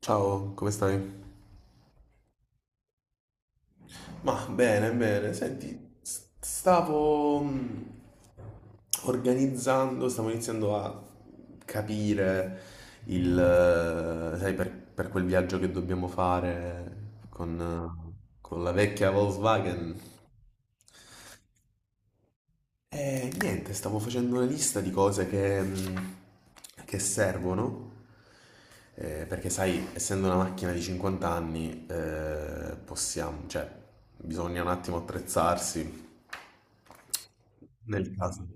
Ciao, come stai? Ma bene, bene, senti, stavo organizzando, stavo iniziando a capire sai, per quel viaggio che dobbiamo fare con la vecchia Volkswagen. E niente, stavo facendo una lista di cose che servono, perché sai, essendo una macchina di 50 anni, possiamo, cioè, bisogna un attimo attrezzarsi nel caso.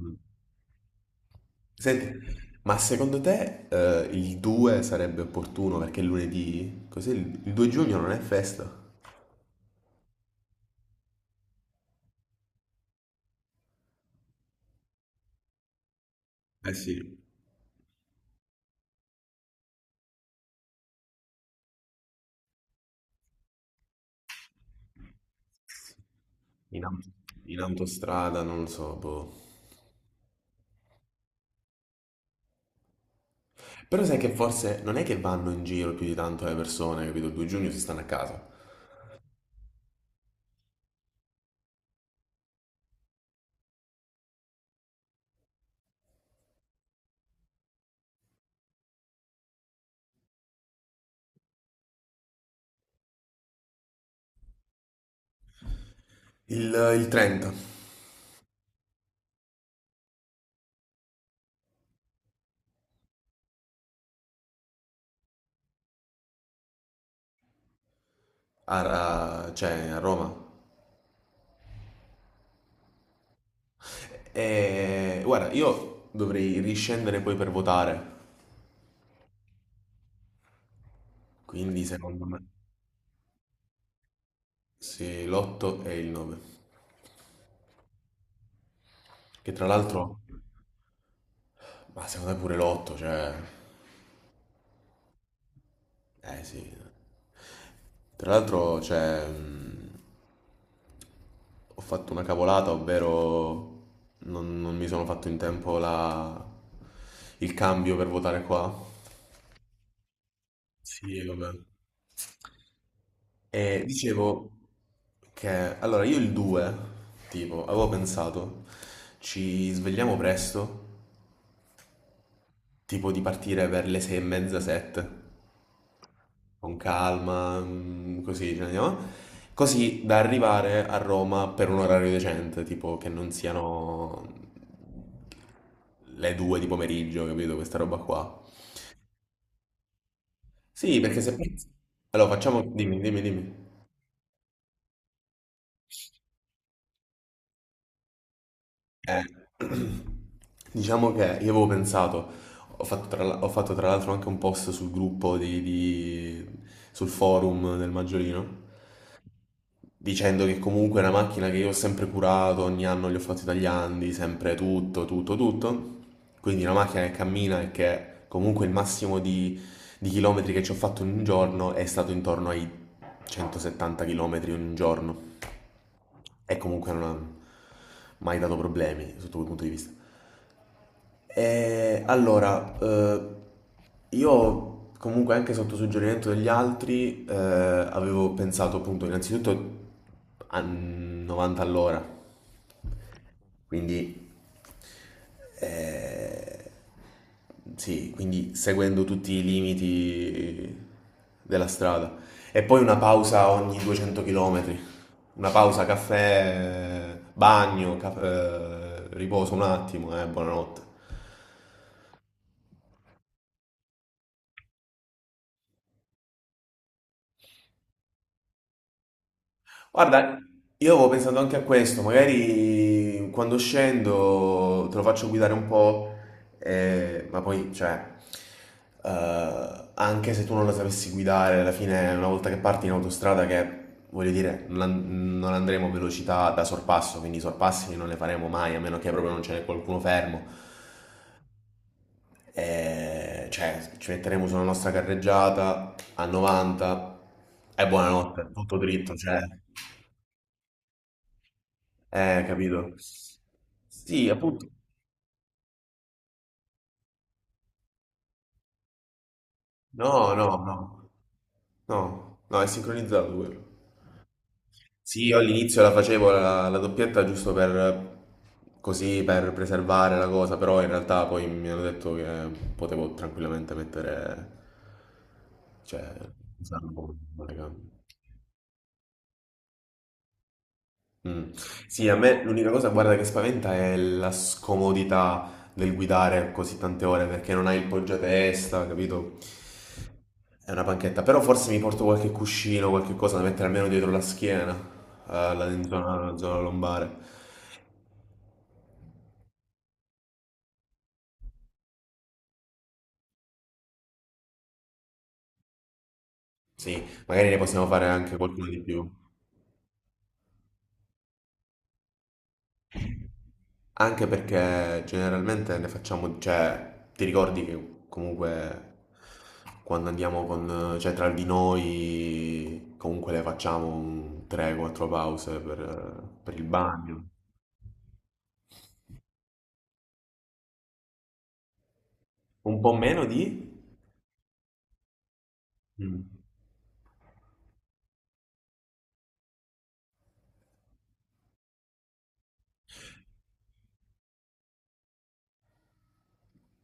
Mm. Senti, ma secondo te, il 2 sarebbe opportuno perché è lunedì? Così il 2 giugno non è festa? Eh sì. In, aut- in autostrada, non lo so, boh. Però sai che forse non è che vanno in giro più di tanto le persone, capito? Il 2 giugno si stanno a casa. Il 30, cioè a Roma. E guarda, io dovrei riscendere poi per votare. Quindi secondo me sì, l'8 e il 9. Che tra l'altro, ma secondo me pure l'8, cioè. Eh sì. Tra l'altro, cioè, ho fatto una cavolata, ovvero non mi sono fatto in tempo il cambio per votare qua. Sì, vabbè. E dicevo che allora io il 2, tipo, avevo pensato, ci svegliamo presto, tipo di partire per le 6 e mezza, 7, con calma, così, ce ne andiamo. Così da arrivare a Roma per un orario decente, tipo che non siano le due di pomeriggio, capito? Questa roba qua. Sì, perché se. Allora, facciamo. Dimmi, dimmi, dimmi. Eh, diciamo che io avevo pensato, ho fatto tra l'altro anche un post sul gruppo sul forum del Maggiolino. Dicendo che comunque è una macchina che io ho sempre curato, ogni anno gli ho fatto i tagliandi, sempre tutto, tutto, tutto. Quindi una macchina che cammina e che comunque il massimo di chilometri che ci ho fatto in un giorno è stato intorno ai 170 chilometri in un giorno. E comunque non ha mai dato problemi sotto quel punto di vista. Allora, io comunque anche sotto suggerimento degli altri avevo pensato appunto innanzitutto a 90 all'ora, quindi eh, sì, quindi seguendo tutti i limiti della strada. E poi una pausa ogni 200 km, una pausa caffè, bagno, riposo un attimo, buonanotte. Guarda, io avevo pensato anche a questo, magari quando scendo te lo faccio guidare un po', ma poi, cioè, anche se tu non la sapessi guidare, alla fine una volta che parti in autostrada, che voglio dire, non andremo a velocità da sorpasso, quindi i sorpassi non ne faremo mai, a meno che proprio non ce n'è qualcuno fermo. Cioè, ci metteremo sulla nostra carreggiata a 90 e buonanotte, tutto dritto, cioè. Capito? Sì, appunto. No, no, no, no, no, è sincronizzato quello. Sì, io all'inizio la facevo la doppietta giusto per così, per preservare la cosa, però in realtà poi mi hanno detto che potevo tranquillamente mettere, cioè, usarlo come telecamera. Mm. Sì, a me l'unica cosa, guarda, che spaventa è la scomodità del guidare così tante ore perché non hai il poggiatesta, capito? È una panchetta, però forse mi porto qualche cuscino, qualche cosa da mettere almeno dietro la schiena, la in zona lombare. Sì, magari ne possiamo fare anche qualcuno di più. Anche perché generalmente ne facciamo, cioè, ti ricordi che comunque quando andiamo con, cioè, tra di noi, comunque le facciamo un 3-4 pause per il bagno. Un po' meno di? Mm.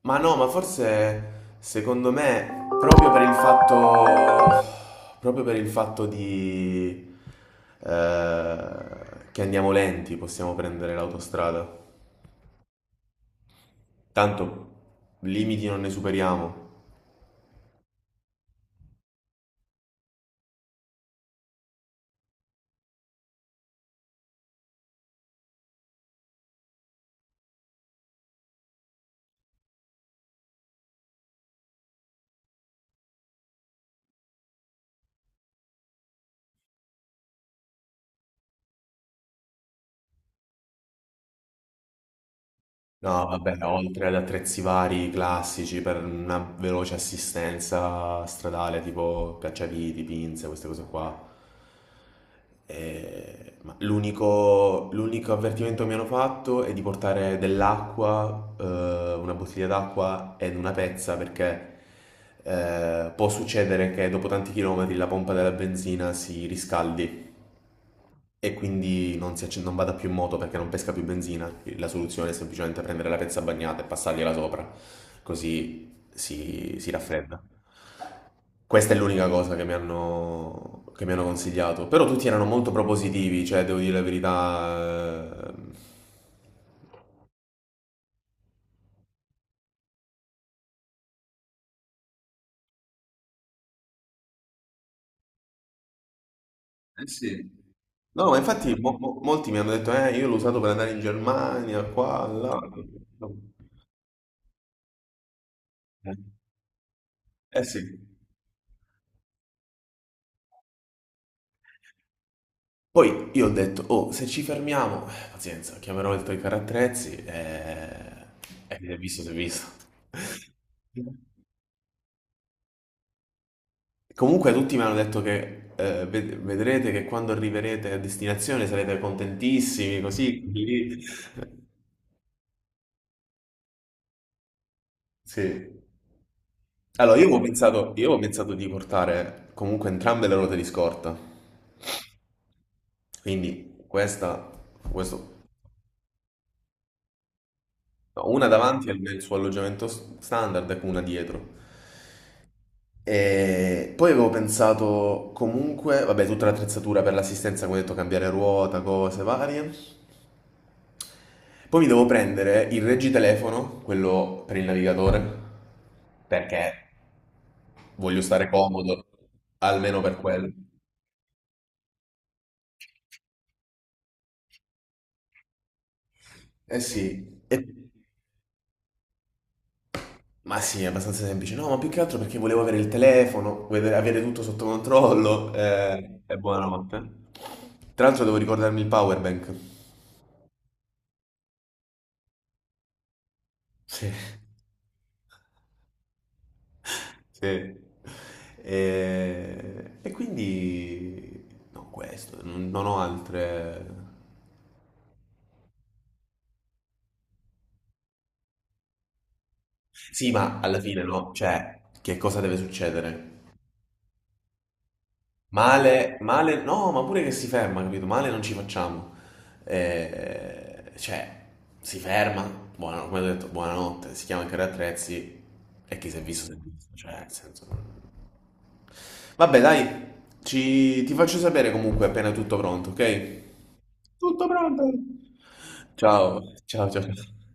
Ma no, ma forse secondo me proprio per il fatto di, che andiamo lenti possiamo prendere l'autostrada. Tanto limiti non ne superiamo. No, vabbè, oltre ad attrezzi vari classici per una veloce assistenza stradale, tipo cacciaviti, pinze, queste cose qua. Ma l'unico avvertimento che mi hanno fatto è di portare dell'acqua, una bottiglia d'acqua ed una pezza perché può succedere che dopo tanti chilometri la pompa della benzina si riscaldi e quindi non, si acc- non vada più in moto perché non pesca più benzina. La soluzione è semplicemente prendere la pezza bagnata e passargliela sopra, così si raffredda. Questa è l'unica cosa che che mi hanno consigliato, però tutti erano molto propositivi, cioè devo dire la verità. Eh sì. No, ma infatti molti mi hanno detto, io l'ho usato per andare in Germania, qua, là. Eh sì. Poi io ho detto, oh, se ci fermiamo, pazienza, chiamerò il tuoi carattrezzi. E visto si è visto. Comunque tutti mi hanno detto che vedrete che quando arriverete a destinazione sarete contentissimi, così, così. Sì. Allora, io avevo pensato, di portare comunque entrambe le ruote di scorta, quindi questo, no, una davanti nel suo alloggiamento standard e una dietro. E poi avevo pensato comunque, vabbè, tutta l'attrezzatura per l'assistenza, come ho detto, cambiare ruota, cose varie. Poi mi devo prendere il reggitelefono, quello per il navigatore, perché voglio stare comodo, almeno per quello. Eh sì, ma sì, è abbastanza semplice. No, ma più che altro perché volevo avere il telefono, avere tutto sotto controllo. E buonanotte. Tra l'altro devo ricordarmi il power bank. Sì. Sì. E quindi no, questo, non ho altre. Sì, ma alla fine no, cioè, che cosa deve succedere? Male, male, no, ma pure che si ferma, capito? Male non ci facciamo. Cioè, si ferma, come ho detto, buonanotte, si chiama Carri Attrezzi e chi si è visto, cioè, nel senso. Vabbè, dai, ti faccio sapere comunque appena è tutto pronto, ok? Tutto pronto. Ciao, ciao, ciao, ciao.